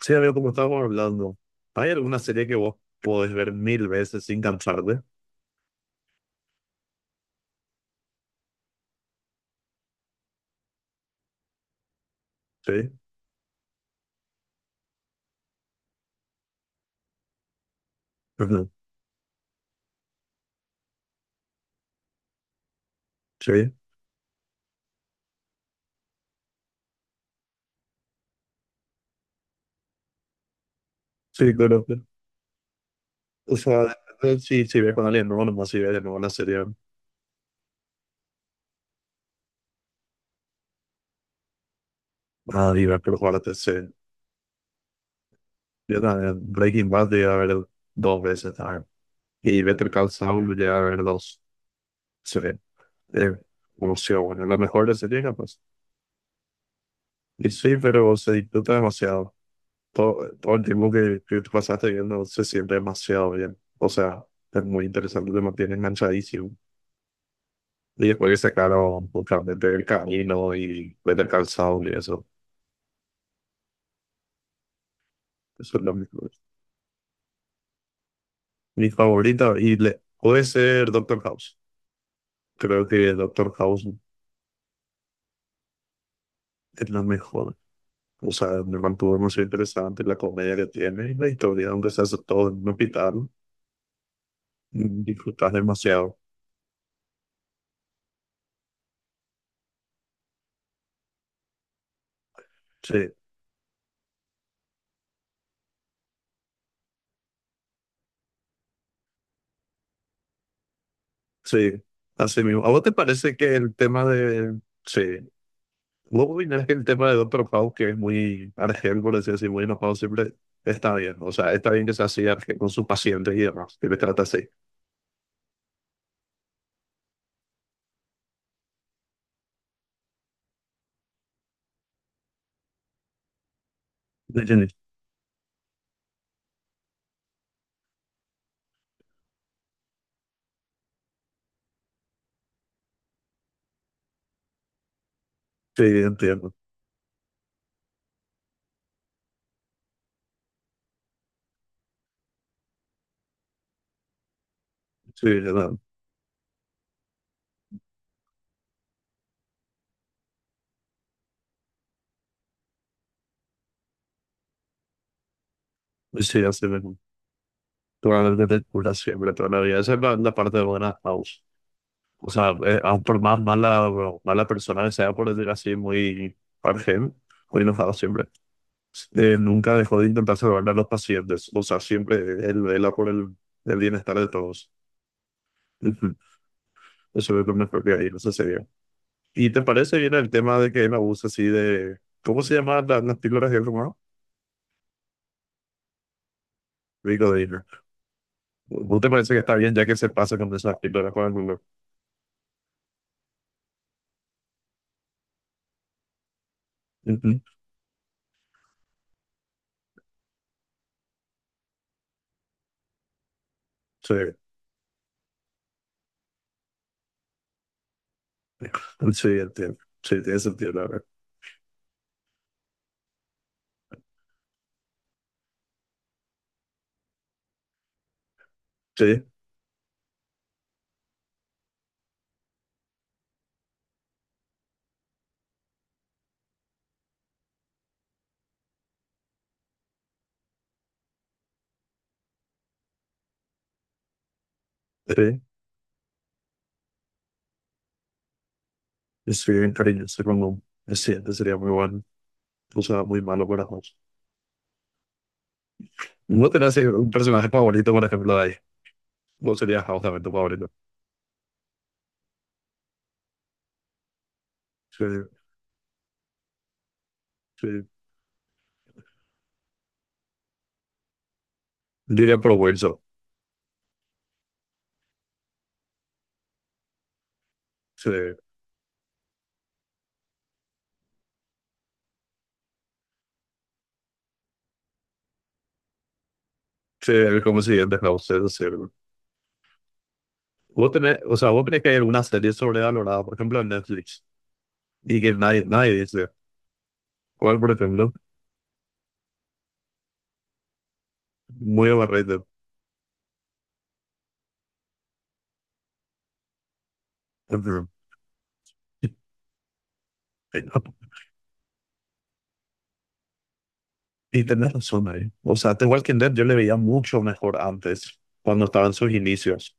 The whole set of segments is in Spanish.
Sí, amigo, como estábamos hablando, ¿hay alguna serie que vos podés ver mil veces sin cansarte? Sí, ujú, sí, sí, claro. Claro. O sea, depende si ves con alguien nuevo, nomás si ves de nuevo una serie, ah, y ves por jugarte, sí. Yo también, Breaking Bad llegué a ver dos veces, ah, y Better Call Saul llegué a ver dos, sí. Eh, bueno, sí, bueno, la mejor de serie, capaz. Y sí, pero se disfruta demasiado. Todo el tiempo que te pasaste viendo se siente demasiado bien. O sea, es muy interesante, te mantiene enganchadísimo. Y después que sacaron justamente el camino y ver el calzado y eso. Eso es lo mismo. Mi favorita, y le, puede ser Doctor House. Creo que Doctor House es la mejor. O sea, me mantuvo muy interesante la comedia que tiene y la historia donde se hace todo en un hospital. Disfrutas demasiado. Sí, sí, así mismo. ¿A vos te parece que el tema de... Sí, luego viene el tema de Doctor House, que es muy argel, por decir así, decir, muy enojado siempre, está bien. O sea, está bien que sea así argel con sus pacientes y demás, que le trata así. ¿Me entiendes? Sí, entiendo. Sí, no. Pues sí, así mismo. Probablemente te cura siempre, toda la vida. Esa es la parte buena de House. O sea, aun por más mala, mala persona que sea, por decir así, muy argel, muy enojado siempre, nunca dejó de intentar salvar a los pacientes. O sea, siempre él vela por el bienestar de todos. Eso es lo mejor que hay, eso sería. ¿Y te parece bien el tema de que él abusa así de... ¿Cómo se llaman las píldoras de rumor? Rico Dealer. ¿Vos te parece que está bien ya que se pasa con esas píldoras con el rumor? Ujú. Sí, sí, entiendo. Sí, tiene sentido, la verdad. Sí, sí. Es bien cariñoso con un... Es cierto, sería muy bueno. O sea, muy malo para House. ¿No tenés un personaje favorito, por ejemplo, de ahí? ¿Vos serías House también tu favorito? Sí, sí. Diría Pro Wilson. Sí, sí, el como siguiente House, eso sí. Vos tenés, o sea, vos crees que hay alguna serie sobrevalorada, por ejemplo, en Netflix, y que nadie, nadie dice, ¿cuál, por ejemplo? Muy overrated. Y tenés razón ahí. O sea, The Walking Dead yo le veía mucho mejor antes, cuando estaba en sus inicios,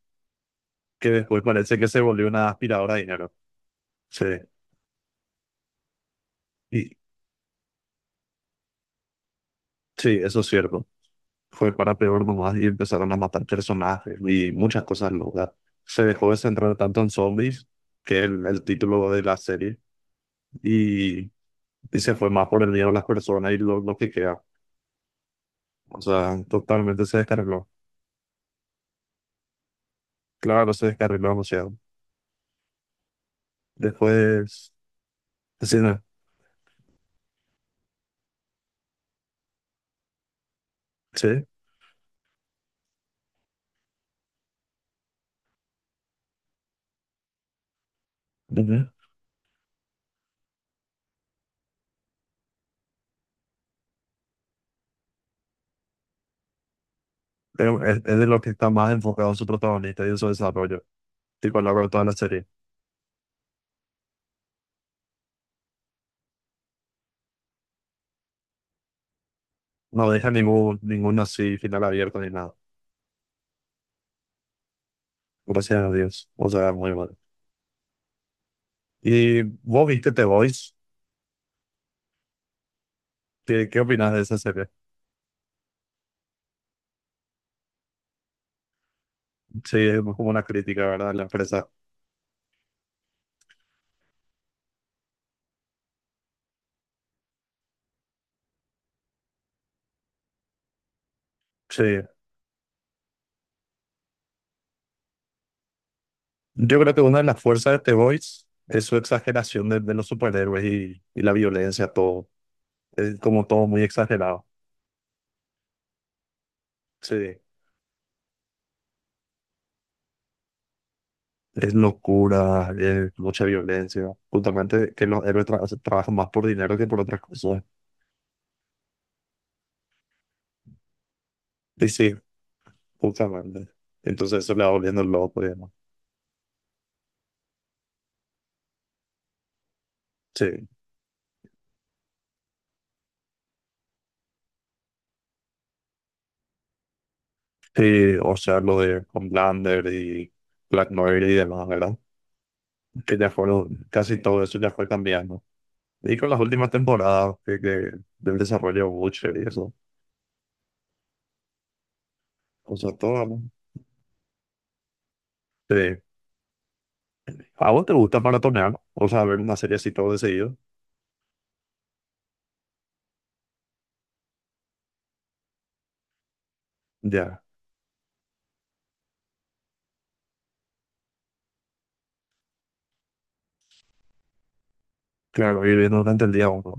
que después parece que se volvió una aspiradora de dinero. Sí, y, sí, eso es cierto. Fue para peor nomás y empezaron a matar personajes y muchas cosas locas. Se dejó de centrar tanto en zombies, que es el título de la serie, y y se fue más por el miedo a las personas y lo que queda. O sea, totalmente se descarriló. Claro, se descarriló demasiado. Después, sí, no, sí, ujú. Pero es de lo que está más enfocado su protagonista y en su desarrollo. Tipo, a lo largo de toda la serie. No deja ningún así final abierto ni nada. Gracias a Dios. O sea, muy mal. ¿Y vos viste The Voice? Qué opinas de esa serie? Sí, es como una crítica, ¿verdad? La empresa. Sí. Yo creo que una de las fuerzas de The Voice es su exageración de los superhéroes y la violencia, todo. Es como todo muy exagerado. Sí. Es locura, es mucha violencia. Justamente que los héroes trabajan más por dinero que por otras cosas. Y sí, justamente. Entonces eso le va volviendo loco, digamos. Sí. Sí, o sea, lo de Homelander y Black Noir y demás, ¿verdad? Que ya fueron, casi todo eso ya fue cambiando. Y con las últimas temporadas que del desarrollo de Butcher y eso. O sea, todo, las- Sí. ¿A vos te gusta maratonear? O sea, ver una serie así todo de seguido. Ya, claro, ir viendo durante el día uno.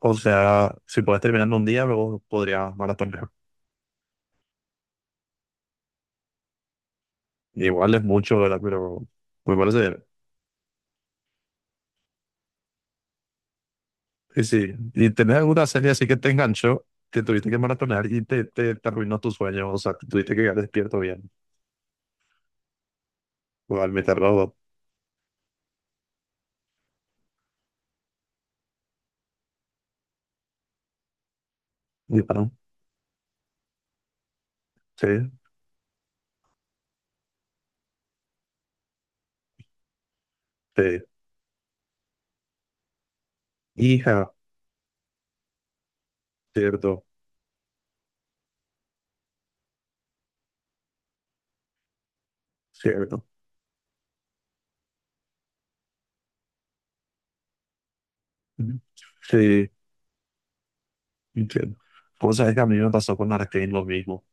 O sea, si podés terminar en un día, luego podrías maratonear. Igual es mucho, ¿verdad? Pero me parece bien. Y sí, ¿y tenés alguna serie así que te enganchó, que tuviste que maratonear y te arruinó tu sueño? O sea, que tuviste que quedar despierto bien. Igual me tardó. Y, ah, sí, sí. Hija, cierto, cierto. Ujú. Sí. Entiendo. Vos sabés que a mí me pasó con Arcane lo mismo,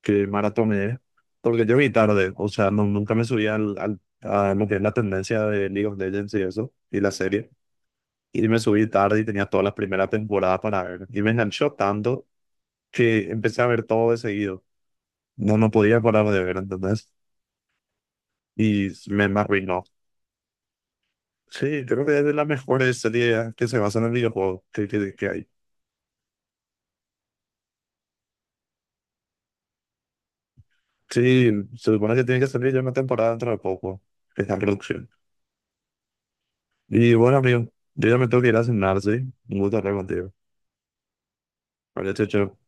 que maratoné, porque yo vi tarde, o sea, no, nunca me subí a lo que es la tendencia de League of Legends y eso, y la serie, y me subí tarde y tenía todas las primeras temporadas para ver, y me enganchó tanto que empecé a ver todo de seguido, no podía parar de ver, ¿entendés? Y me arruinó. Sí, creo que es de las mejores series que se basan en el videojuego que hay. Sí, se supone que tiene que salir ya una temporada dentro de poco, esa producción. Y bueno, amigo, yo ya me tengo que ir a cenar, ¿sí? Un gusto hablar contigo. Vale, chao, chao.